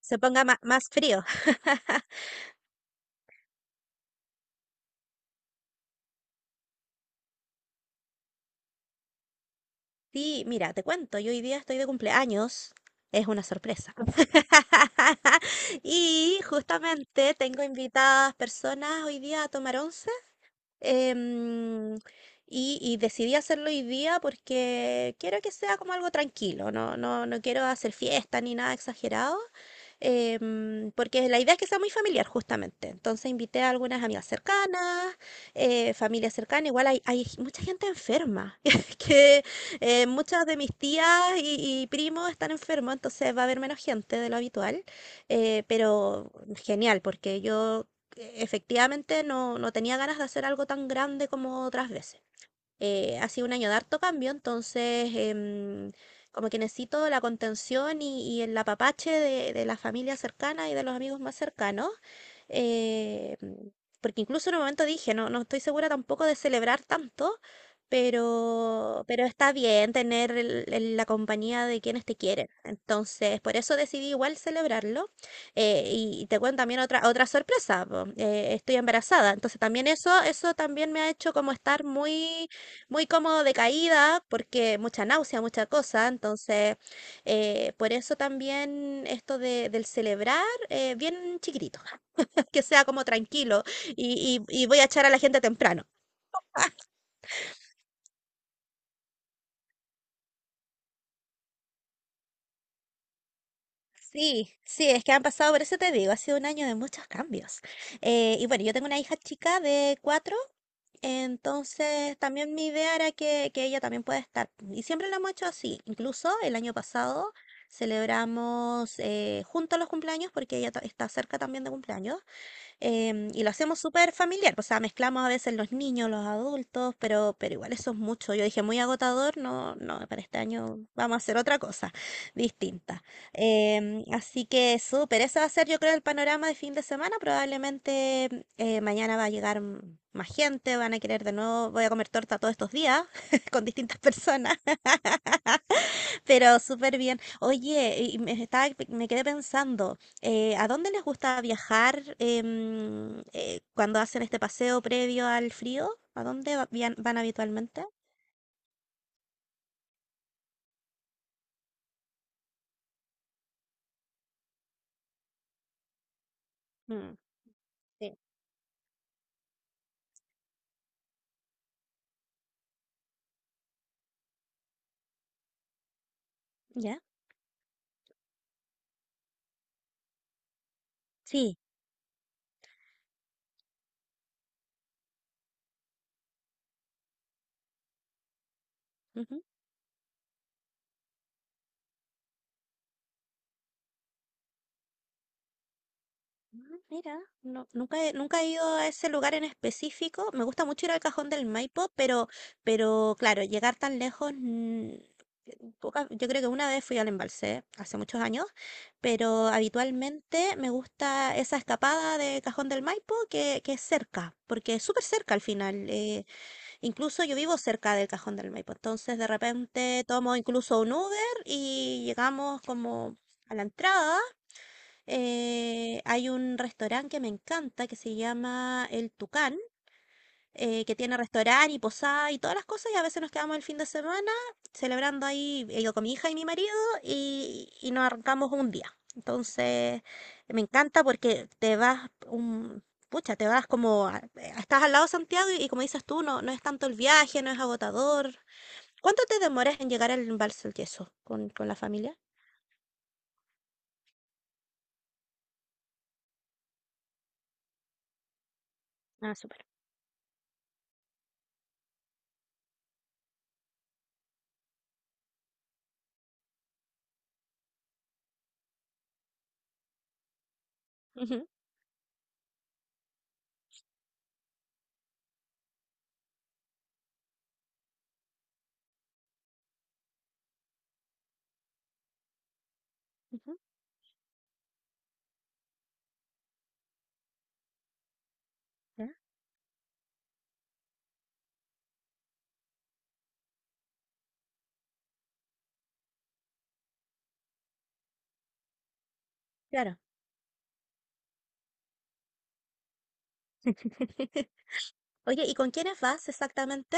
Se ponga más frío. Sí, mira, te cuento, yo hoy día estoy de cumpleaños. Es una sorpresa. Y justamente tengo invitadas personas hoy día a tomar once. em, y decidí hacerlo hoy día porque quiero que sea como algo tranquilo. No, no, no quiero hacer fiesta ni nada exagerado. Porque la idea es que sea muy familiar justamente. Entonces invité a algunas amigas cercanas, familia cercana, igual hay mucha gente enferma, que muchas de mis tías y primos están enfermos, entonces va a haber menos gente de lo habitual, pero genial, porque yo... Efectivamente, no, no tenía ganas de hacer algo tan grande como otras veces. Ha sido un año de harto cambio, entonces como que necesito la contención y el apapache de la familia cercana y de los amigos más cercanos. eh, Porque incluso en un momento dije, no, no estoy segura tampoco de celebrar tanto, pero está bien tener la compañía de quienes te quieren. Entonces, por eso decidí igual celebrarlo. Y te cuento también otra sorpresa, po, estoy embarazada. Entonces, también eso también me ha hecho como estar muy muy cómodo de caída porque mucha náusea, mucha cosa. Entonces, por eso también esto del celebrar, bien chiquitito, que sea como tranquilo y voy a echar a la gente temprano. Sí, sí, es que han pasado, por eso te digo, ha sido un año de muchos cambios. Y bueno, yo tengo una hija chica de cuatro, entonces también mi idea era que ella también pueda estar. Y siempre lo hemos hecho así, incluso el año pasado celebramos, juntos los cumpleaños porque ella está cerca también de cumpleaños. Y lo hacemos súper familiar, o sea, mezclamos a veces los niños, los adultos, pero igual eso es mucho. Yo dije, muy agotador, no, no, para este año vamos a hacer otra cosa distinta. Em, así que súper, ese va a ser yo creo el panorama de fin de semana, probablemente, mañana va a llegar más gente, van a querer de nuevo, voy a comer torta todos estos días con distintas personas. Pero súper bien. Oye, me quedé pensando, ¿a dónde les gusta viajar, cuando hacen este paseo previo al frío? ¿A dónde van habitualmente? Mm, sí. ¿Ya? Sí. Ah, mira, nunca he, nunca he ido a ese lugar en específico. Me gusta mucho ir al Cajón del Maipo, pero claro, llegar tan lejos, mm, yo creo que una vez fui al embalse, hace muchos años, pero habitualmente me gusta esa escapada de Cajón del Maipo que es cerca, porque es súper cerca al final. Incluso yo vivo cerca del Cajón del Maipo, entonces de repente tomo incluso un Uber y llegamos como a la entrada. Hay un restaurante que me encanta que se llama El Tucán, que tiene restaurante y posada y todas las cosas, y a veces nos quedamos el fin de semana celebrando ahí, yo con mi hija y mi marido, y nos arrancamos un día. Entonces, me encanta porque te vas un... Pucha, te vas como... estás al lado de Santiago y como dices tú, no, no es tanto el viaje, no es agotador. ¿Cuánto te demoras en llegar al Embalse del Yeso con la familia? Ah, súper. Ujú, ujú, ya. Claro. Oye, ¿y con quiénes vas exactamente?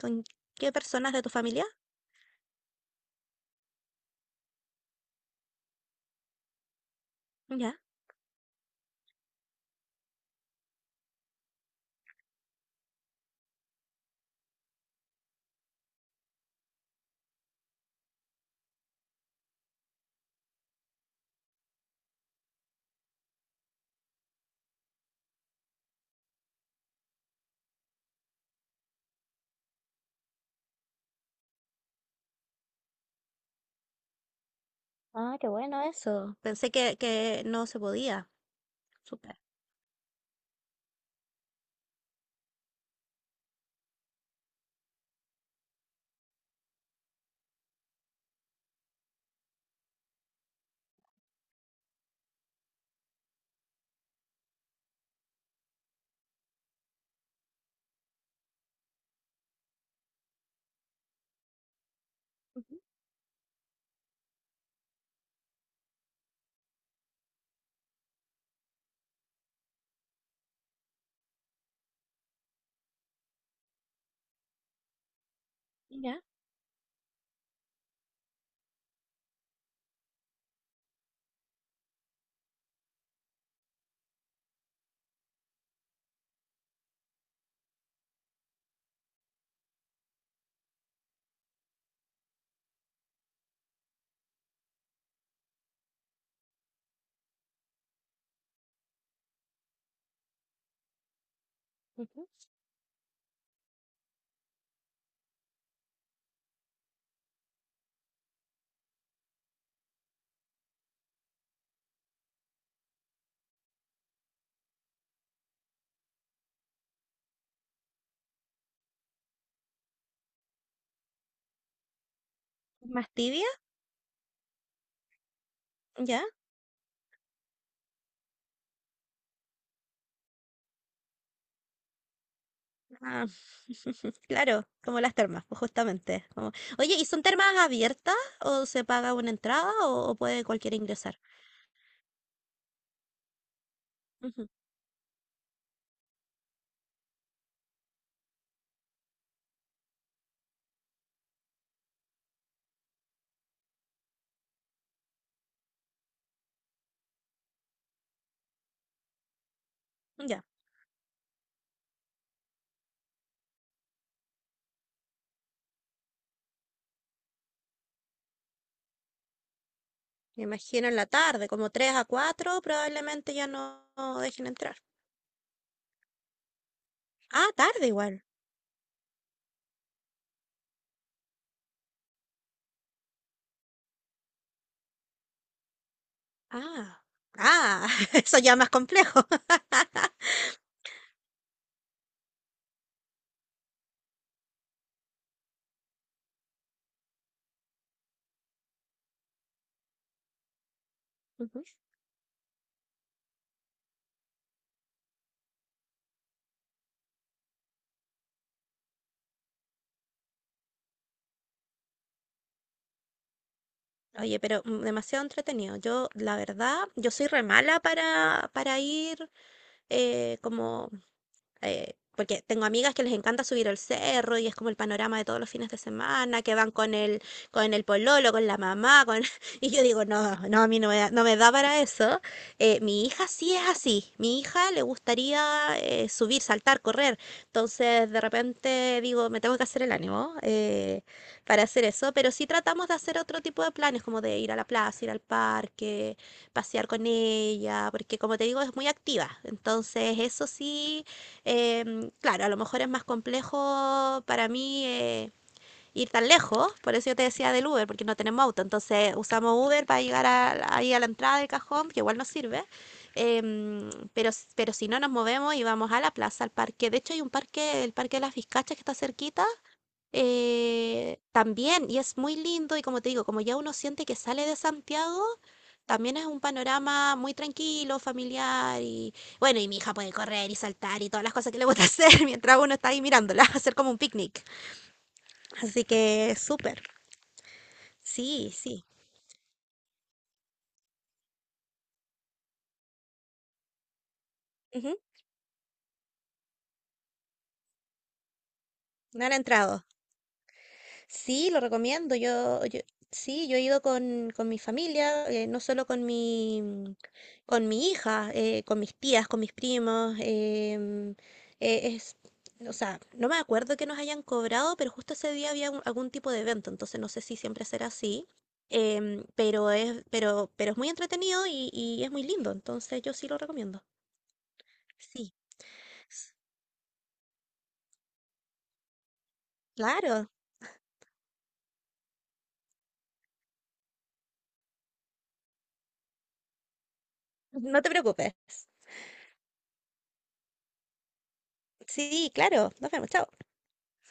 ¿Con qué personas de tu familia? Ya. Ah, qué bueno eso. Pensé que no se podía. Súper. Ujú. Ya. Ujú. ¿Más tibia? Ya. Ah, claro, como las termas, pues, justamente. Oye, ¿y son termas abiertas o se paga una entrada o puede cualquiera ingresar? Ujú. Ya. Me imagino en la tarde, como 3 a 4 probablemente ya no no dejen entrar. Ah, tarde igual. Ah, ah, eso ya más complejo. Ujú. Oye, pero mm, demasiado entretenido. Yo, la verdad, yo soy re mala para ir, como porque tengo amigas que les encanta subir al cerro y es como el panorama de todos los fines de semana, que van con el pololo, con la mamá, con... y yo digo, no, no, a mí no me da, no me da para eso. Mi hija sí es así, mi hija le gustaría, subir, saltar, correr, entonces de repente digo, me tengo que hacer el ánimo, para hacer eso, pero sí tratamos de hacer otro tipo de planes, como de ir a la plaza, ir al parque, pasear con ella, porque como te digo, es muy activa, entonces eso sí, claro, a lo mejor es más complejo para mí, ir tan lejos, por eso yo te decía del Uber, porque no tenemos auto, entonces usamos Uber para llegar ahí a la entrada del cajón, que igual nos sirve, em, pero, pero si no nos movemos y vamos a la plaza, al parque, de hecho hay un parque, el Parque de las Vizcachas que está cerquita, también, y es muy lindo, y como te digo, como ya uno siente que sale de Santiago, también es un panorama muy tranquilo, familiar, y bueno, y mi hija puede correr y saltar y todas las cosas que le gusta hacer mientras uno está ahí mirándola, hacer como un picnic. Así que súper, sí, sí. Ujú. No era entrado. Sí, lo recomiendo. Yo, sí, yo he ido con mi familia, no solo con mi, mm, con mi hija, con mis tías, con mis primos. em, es, o sea, no me acuerdo que nos hayan cobrado, pero justo ese día había algún tipo de evento, entonces no sé si siempre será así. Pero es, pero es muy entretenido y es muy lindo, entonces yo sí lo recomiendo. Sí, claro, no te preocupes. Sí, claro, nos vemos, chao.